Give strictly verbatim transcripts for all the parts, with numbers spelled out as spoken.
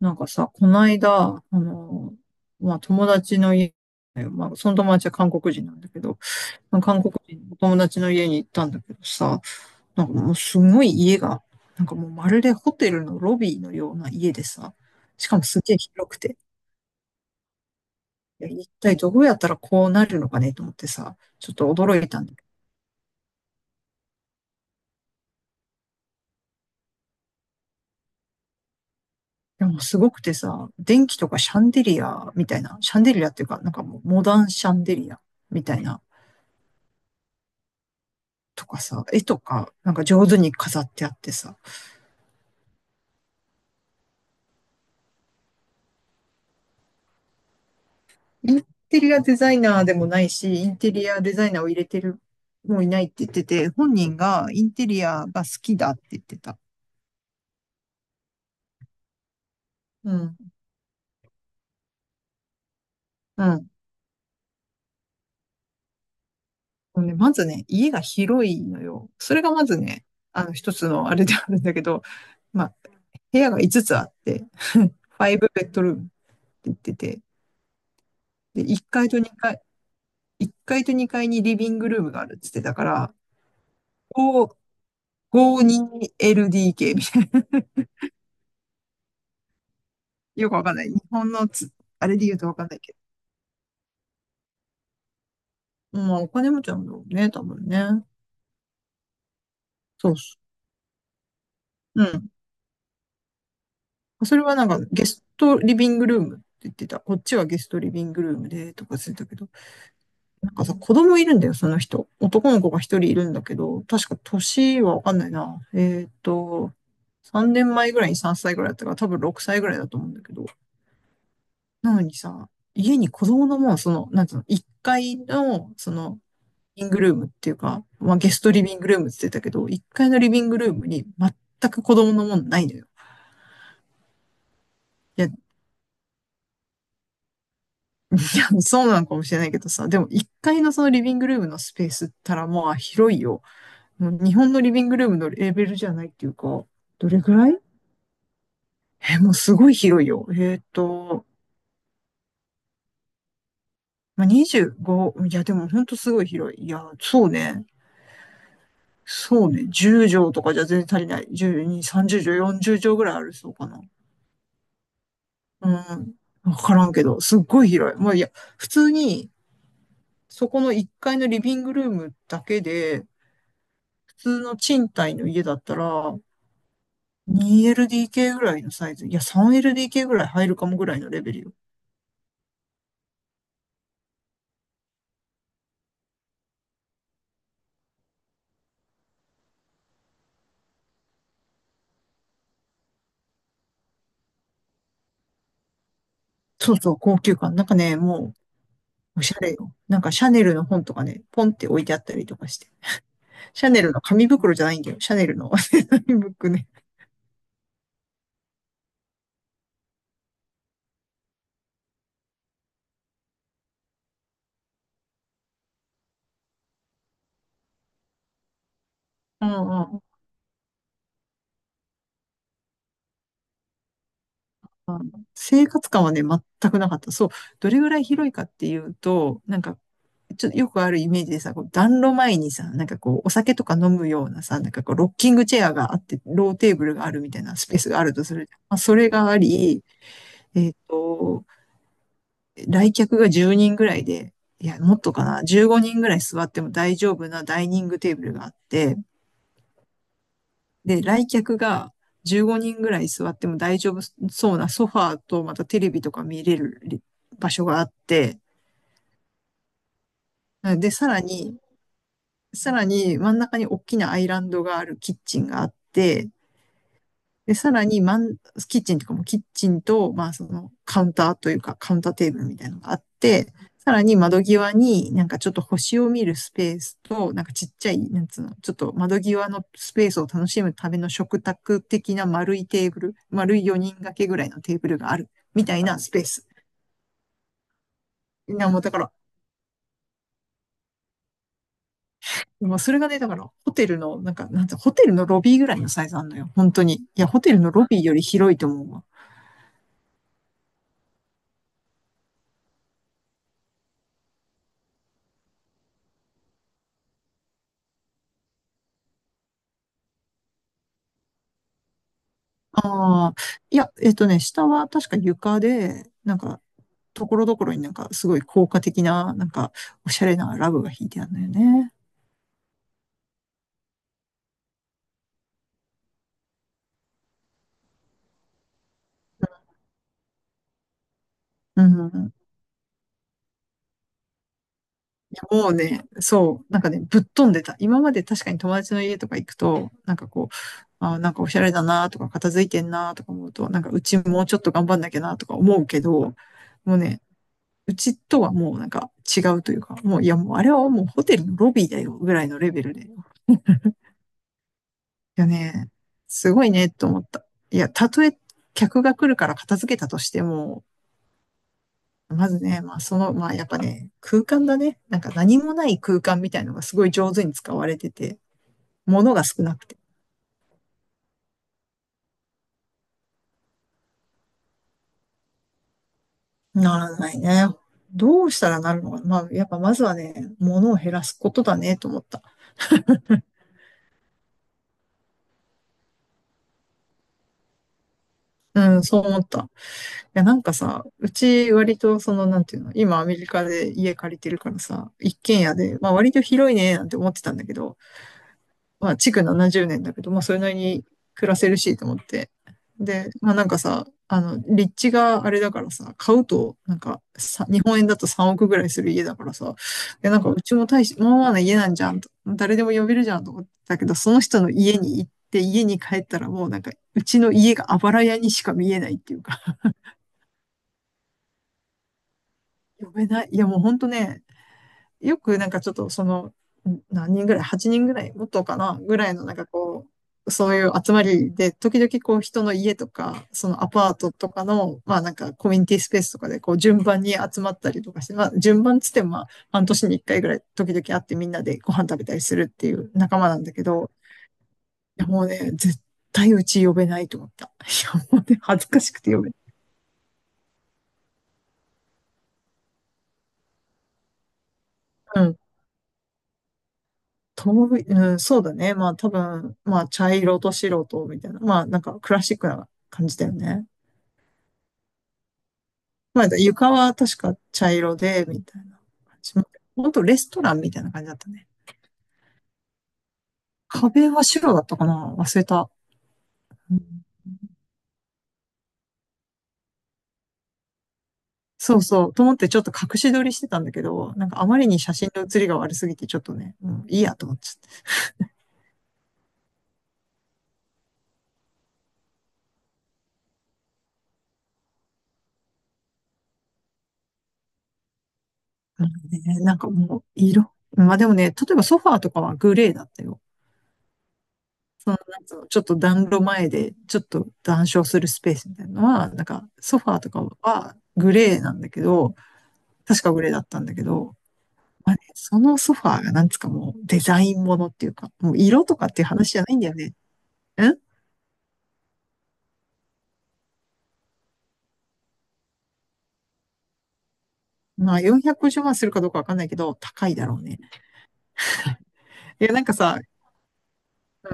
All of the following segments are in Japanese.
なんかさ、こないだ、あの、まあ、友達の家、まあ、その友達は韓国人なんだけど、韓国人の友達の家に行ったんだけどさ、なんかもうすごい家が、なんかもうまるでホテルのロビーのような家でさ、しかもすげえ広くて、いや、一体どうやったらこうなるのかねと思ってさ、ちょっと驚いたんだけど、でもすごくてさ、電気とかシャンデリアみたいな、シャンデリアっていうか、なんかもうモダンシャンデリアみたいな、とかさ、絵とか、なんか上手に飾ってあってさ、インテリアデザイナーでもないし、インテリアデザイナーを入れてる、もういないって言ってて、本人がインテリアが好きだって言ってた。うん。うん。ね、まずね、家が広いのよ。それがまずね、あの、一つのあれであるんだけど、まあ、部屋がいつつあって、ごベッドルームって言ってて、で、いっかいとにかい、いっかいとにかいにリビングルームがあるって言ってたから、こう ごじゅうにエルディーケー みたいな。よくわかんない。日本のつ、あれで言うとわかんないけど。まあ、お金持ちなんだろうね、多分ね。そうそう。うん。それはなんか、ゲストリビングルームって言ってた。こっちはゲストリビングルームで、とかついたけど。なんかさ、子供いるんだよ、その人。男の子が一人いるんだけど、確か年はわかんないな。えーっと、さんねんまえぐらいにさんさいぐらいだったから、多分ろくさいぐらいだと思うんだけど。なのにさ、家に子供のもう、その、なんつうの、いっかいの、その、リビングルームっていうか、まあ、ゲストリビングルームって言ってたけど、いっかいのリビングルームに全く子供のもんないのよ。いや、いや、そうなのかもしれないけどさ、でもいっかいのそのリビングルームのスペースったらまあ広いよ。もう日本のリビングルームのレベルじゃないっていうか、どれぐらいえ、もうすごい広いよ。えっと、まあ、にじゅうご、いや、でもほんとすごい広い。いや、そうね。そうね。じゅうじょう畳とかじゃ全然足りない。じゅうに、さんじゅうじょう畳、よんじゅうじょう畳ぐらいあるそうかな。うん。わからんけど、すっごい広い。もういや、普通に、そこのいっかいのリビングルームだけで、普通の賃貸の家だったら、にエルディーケー ぐらいのサイズ。いや、さんエルディーケー ぐらい入るかもぐらいのレベルよ。そうそう、高級感。なんかね、もう、おしゃれよ。なんかシャネルの本とかね、ポンって置いてあったりとかして。シャネルの紙袋じゃないんだよ。シャネルの 紙袋ね。うんうんあ生活感はね、全くなかった。そう。どれぐらい広いかっていうと、なんか、ちょっとよくあるイメージでさ、こう暖炉前にさ、なんかこう、お酒とか飲むようなさ、なんかこう、ロッキングチェアがあって、ローテーブルがあるみたいなスペースがあるとする。まあ、それがあり、えっと、来客がじゅうにんぐらいで、いや、もっとかな、じゅうごにんぐらい座っても大丈夫なダイニングテーブルがあって、で、来客がじゅうごにんぐらい座っても大丈夫そうなソファーとまたテレビとか見れる場所があって、で、さらに、さらに真ん中に大きなアイランドがあるキッチンがあって、で、さらに、マンキッチンとかも、キッチンと、まあ、その、カウンターというか、カウンターテーブルみたいなのがあって、さらに窓際になんかちょっと星を見るスペースと、なんかちっちゃい、なんつうの、ちょっと窓際のスペースを楽しむための食卓的な丸いテーブル、丸いよにん掛けぐらいのテーブルがある、みたいなスペース。な、もうだから、もうそれがね、だから、ホテルの、なんか、なんつうのホテルのロビーぐらいのサイズあんのよ。本当に。いや、ホテルのロビーより広いと思うわ。ああ、いや、えっとね、下は確か床で、なんか、ところどころになんか、すごい効果的な、なんか、おしゃれなラブが引いてあるのよね。うん。いやもうね、そう、なんかね、ぶっ飛んでた。今まで確かに友達の家とか行くと、なんかこう、あー、なんかおしゃれだなとか、片付いてんなとか思うと、なんかうちもうちょっと頑張んなきゃなとか思うけど、もうね、うちとはもうなんか違うというか、もう、いやもうあれはもうホテルのロビーだよぐらいのレベルでいやね、すごいね、と思った。いや、たとえ客が来るから片付けたとしても、まずね、まあその、まあやっぱね、空間だね。なんか何もない空間みたいのがすごい上手に使われてて、物が少なくて。ならないね。どうしたらなるのかまあ、やっぱまずはね、物を減らすことだね、と思った。うん、そう思った。いや、なんかさ、うち割とその、なんていうの、今アメリカで家借りてるからさ、一軒家で、まあ割と広いね、なんて思ってたんだけど、まあ、築ななじゅうねんだけど、まあ、それなりに暮らせるしと思って。で、まあ、なんかさ、あの、立地があれだからさ、買うと、なんかさ、日本円だとさんおくぐらいする家だからさ、で、なんか、うちも大し、まあまあな家なんじゃんと、誰でも呼べるじゃんと思ってたけど、その人の家に行って、家に帰ったらもうなんか、うちの家があばら家にしか見えないっていうか、呼べない。いや、もうほんとね、よくなんかちょっとその、何人ぐらい？ はち 人ぐらいもっとかなぐらいのなんかこう、そういう集まりで、時々こう人の家とか、そのアパートとかの、まあなんかコミュニティスペースとかでこう順番に集まったりとかして、まあ順番つってもまあ半年にいっかいぐらい時々会ってみんなでご飯食べたりするっていう仲間なんだけど、いやもうね、絶対うち呼べないと思った。いやもうね、恥ずかしくて呼べない。うんとび、うん、そうだね。まあ多分、まあ茶色と白とみたいな。まあなんかクラシックな感じだよね。まあ床は確か茶色で、みたいな感じ。ほんとレストランみたいな感じだったね。壁は白だったかな忘れた。うんそうそう。と思ってちょっと隠し撮りしてたんだけど、なんかあまりに写真の写りが悪すぎてちょっとね、もういいやと思っちゃって。うんねなんかもう色。まあでもね、例えばソファーとかはグレーだったよ。その、なんつうの、ちょっと暖炉前で、ちょっと談笑するスペースみたいなのは、なんか、ソファーとかはグレーなんだけど、確かグレーだったんだけど、まあね、そのソファーがなんつうかもうデザインものっていうか、もう色とかっていう話じゃないんだよね。んまあよんひゃくごじゅうまんするかどうかわかんないけど、高いだろうね。いや、なんかさ、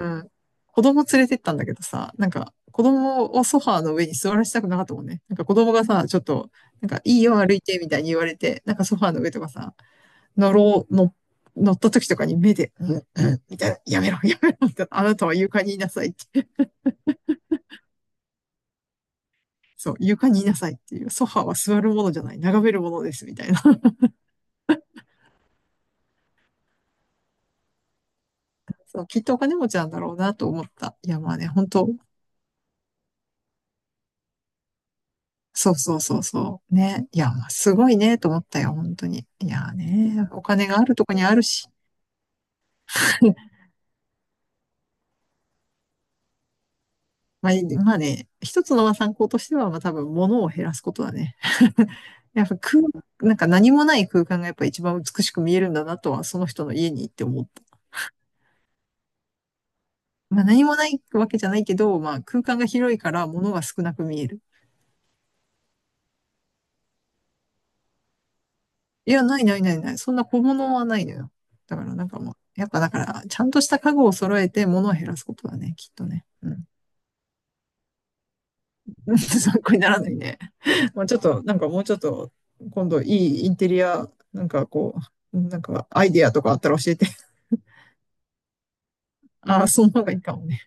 うん、子供連れてったんだけどさ、なんか子供をソファーの上に座らせたくなかったもんね。なんか子供がさ、ちょっと、なんかいいよ歩いてみたいに言われて、なんかソファーの上とかさ、乗ろう、の、乗った時とかに目で、うん、うん、みたいな、やめろ、やめろ、みたいな、あなたは床にいなさいって。そう、床にいなさいっていう、ソファーは座るものじゃない、眺めるものです、みたいな。そう、きっとお金持ちなんだろうなと思った。いや、まあね、本当そうそうそうそう。ね。いや、まあすごいね、と思ったよ、本当に。いやね、お金があるとこにあるし。まあ、いまあね、一つのまあ参考としては、まあ多分物を減らすことだね。やっぱ空、なんか何もない空間がやっぱ一番美しく見えるんだなとは、その人の家に行って思った。まあ何もないわけじゃないけど、まあ空間が広いから物が少なく見える。いや、ないないないない。そんな小物はないのよ。だからなんかもう、やっぱだから、ちゃんとした家具を揃えて物を減らすことだね、きっとね。うん。参考にならないね。まあ、ちょっと、なんかもうちょっと、今度いいインテリア、なんかこう、なんかアイディアとかあったら教えて。ああ、その方がいいかもね。